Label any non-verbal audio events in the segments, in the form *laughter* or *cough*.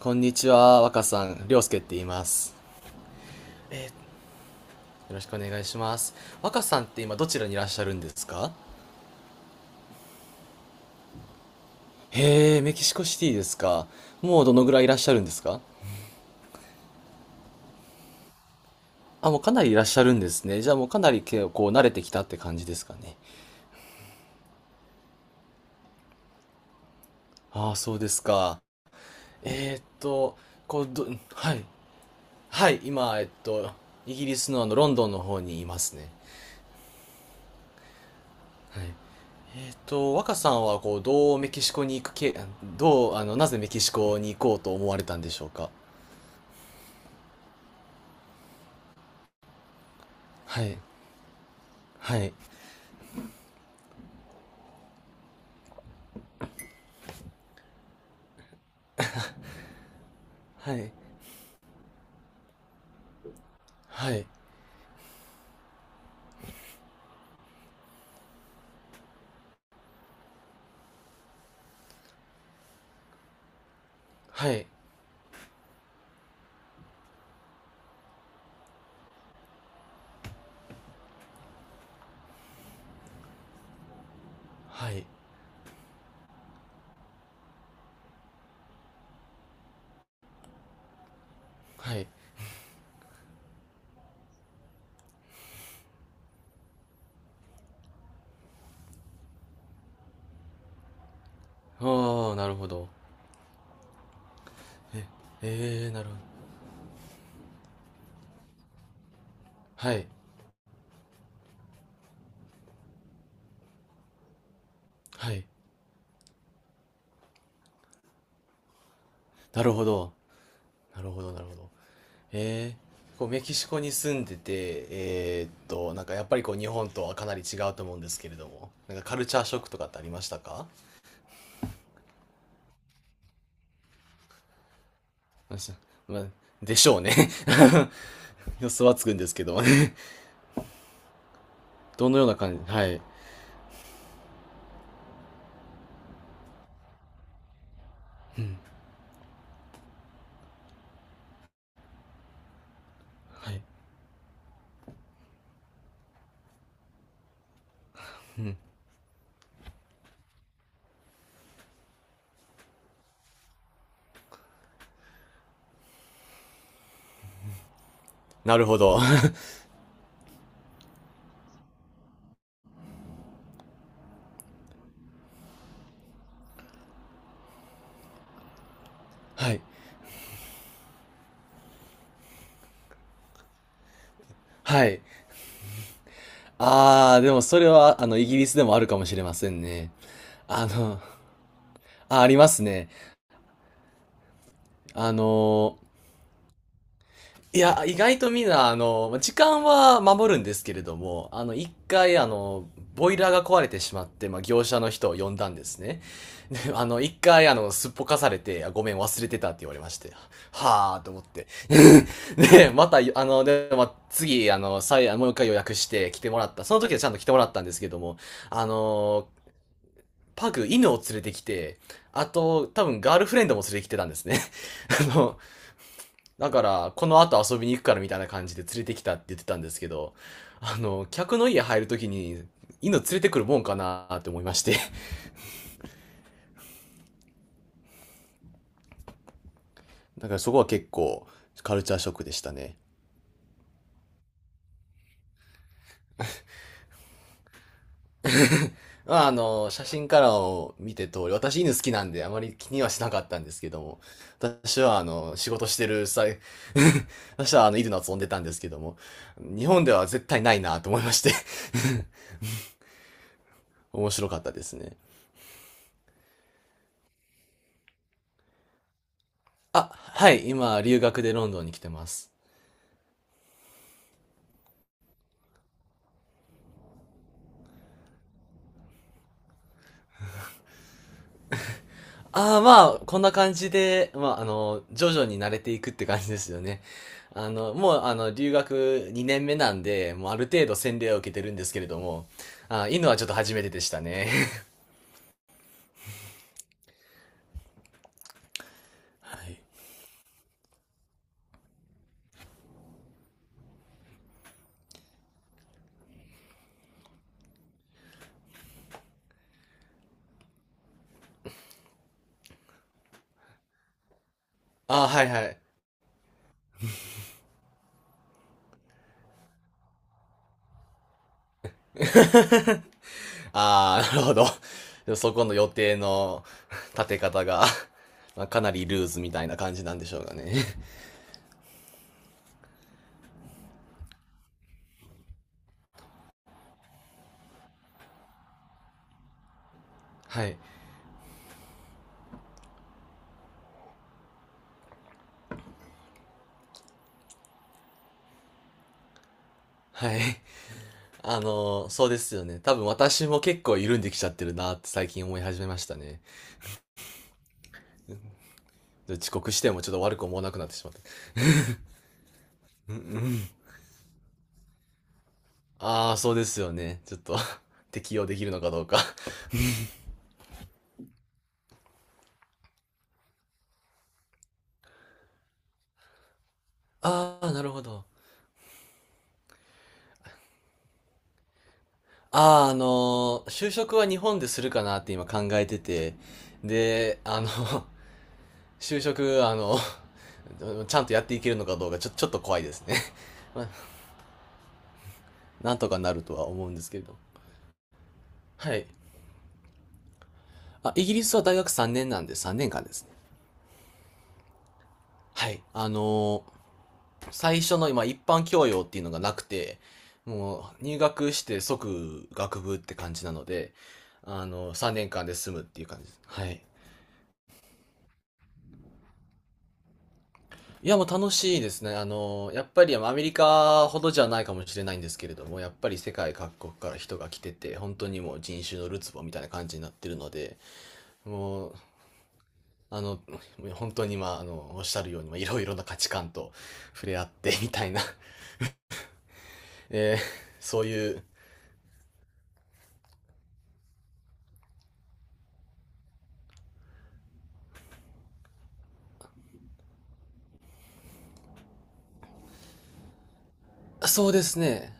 こんにちは、若さん、りょうすけって言います。よろしくお願いします。若さんって今どちらにいらっしゃるんですか？へえ、メキシコシティですか。もうどのぐらいいらっしゃるんですか？あ、もうかなりいらっしゃるんですね。じゃあもうかなりけこう慣れてきたって感じですかね。ああ、そうですか。えーっと、こう、ど、はい。はい、今、イギリスのロンドンの方にいますね。はい。若さんはなぜメキシコに行こうと思われたんでしょうか？はい、はい、はい、はい、はい、はい、はい。ああ、なるほど。えー、なるほど。はい、はい。なるほど、なるほど、なるほど。えこうメキシコに住んでて、なんかやっぱりこう日本とはかなり違うと思うんですけれども、なんかカルチャーショックとかってありましたか？私まあ、でしょうね。 *laughs* 予想はつくんですけど。 *laughs* どのような感じ？はい、はい、なるほど。 *laughs* はい、はい。ああ、でもそれは、イギリスでもあるかもしれませんね。あの、あ、ありますね。あの、いや、意外とみんな、時間は守るんですけれども、一回、ボイラーが壊れてしまって、まあ、業者の人を呼んだんですね。で、一回、すっぽかされて、あごめん、忘れてたって言われまして、はあと思って。*laughs* で、また、まあ、次、もう一回予約して来てもらった。その時はちゃんと来てもらったんですけども、あの、パグ、犬を連れてきて、あと、多分ガールフレンドも連れてきてたんですね。*laughs* あの、だから、この後遊びに行くからみたいな感じで連れてきたって言ってたんですけど、客の家入るときに、犬連れてくるもんかなーって思いまして。*laughs* だからそこは結構、カルチャーショックでしたね。まあ、写真からを見て通り、私犬好きなんであまり気にはしなかったんですけども、私は仕事してる際、*laughs* 私は犬の遊んでたんですけども、日本では絶対ないなと思いまして。 *laughs* 面白かったですね。あ、はい、今、留学でロンドンに来てます。ああ、まあ、こんな感じで、まあ、徐々に慣れていくって感じですよね。もう、留学2年目なんで、もうある程度洗礼を受けてるんですけれども、あー、犬はちょっと初めてでしたね。*laughs* はい。*laughs* あー、はい、はい。ああ、なるほど。そこの予定の立て方が、まあ、かなりルーズみたいな感じなんでしょうかね。*laughs* はい。はい。そうですよね。多分私も結構緩んできちゃってるなって最近思い始めましたね。遅刻してもちょっと悪く思わなくなってしまった。うん、うん。ああ、そうですよね。ちょっと *laughs* 適用できるのかどうか。ああ、なるほど。ああ、就職は日本でするかなって今考えてて。で、*laughs* 就職、*laughs* ちゃんとやっていけるのかどうかちょっと怖いですね。*laughs* まあ、なんとかなるとは思うんですけれど。はい。あ、イギリスは大学3年なんで3年間ですね。はい。最初の今一般教養っていうのがなくて、もう入学して即学部って感じなので、3年間で済むっていう感じです。はい。いや、もう楽しいですね。やっぱりアメリカほどじゃないかもしれないんですけれども、やっぱり世界各国から人が来てて、本当にもう人種のるつぼみたいな感じになってるので、もう、あの、本当にまあ、おっしゃるように、まあ、いろいろな価値観と触れ合ってみたいな、*laughs* そういうそうですね。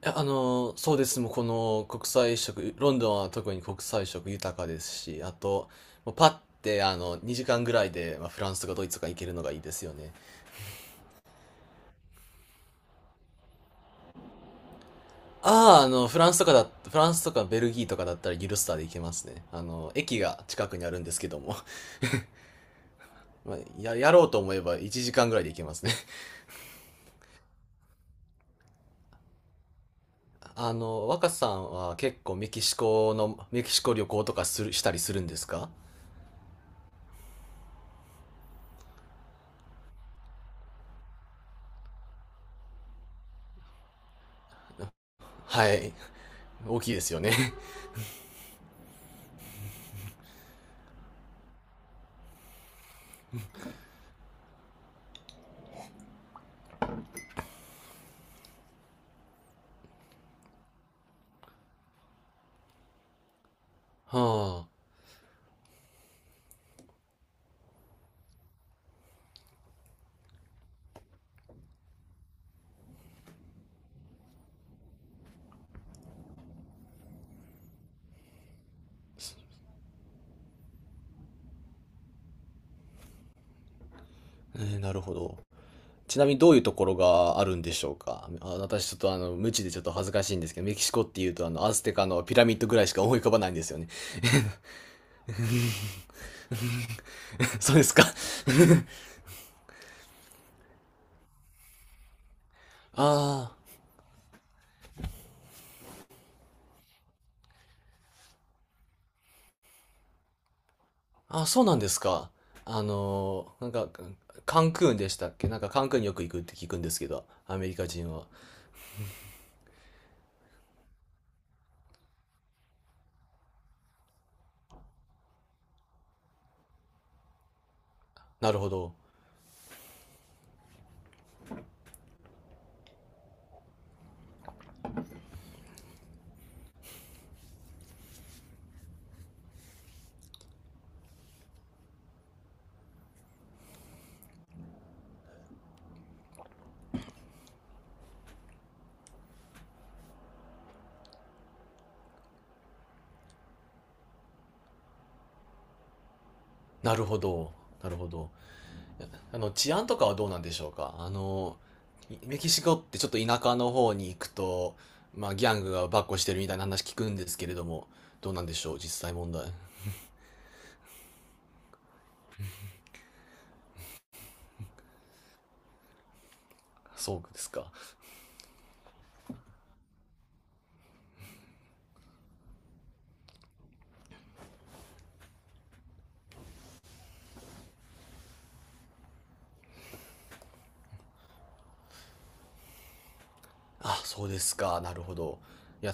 いや、そうです。もうこの国際色、ロンドンは特に国際色豊かですし、あと、もうパッて2時間ぐらいで、まあ、フランスとかドイツとか行けるのがいいですよね。ああ、フランスとかベルギーとかだったらギルスターで行けますね。駅が近くにあるんですけども。*laughs* まあ、やろうと思えば1時間ぐらいで行けますね。*laughs* 若さんは結構メキシコ旅行とかしたりするんですか？はい。大きいですよね。*laughs* はあ。えー、なるほど。ちなみにどういうところがあるんでしょうか？あ、私ちょっと無知でちょっと恥ずかしいんですけど、メキシコっていうとアステカのピラミッドぐらいしか思い浮かばないんですよね。*laughs* そうですか？ *laughs* ああ、あ、そうなんですか。なんか、カンクンでしたっけ？なんかカンクンによく行くって聞くんですけど、アメリカ人は。なるほど。なるほど。なるほど。治安とかはどうなんでしょうか？メキシコってちょっと田舎の方に行くと、まあ、ギャングがばっこしてるみたいな話聞くんですけれども、どうなんでしょう、実際問題。そうですか。あ、そうですか。なるほど。いや、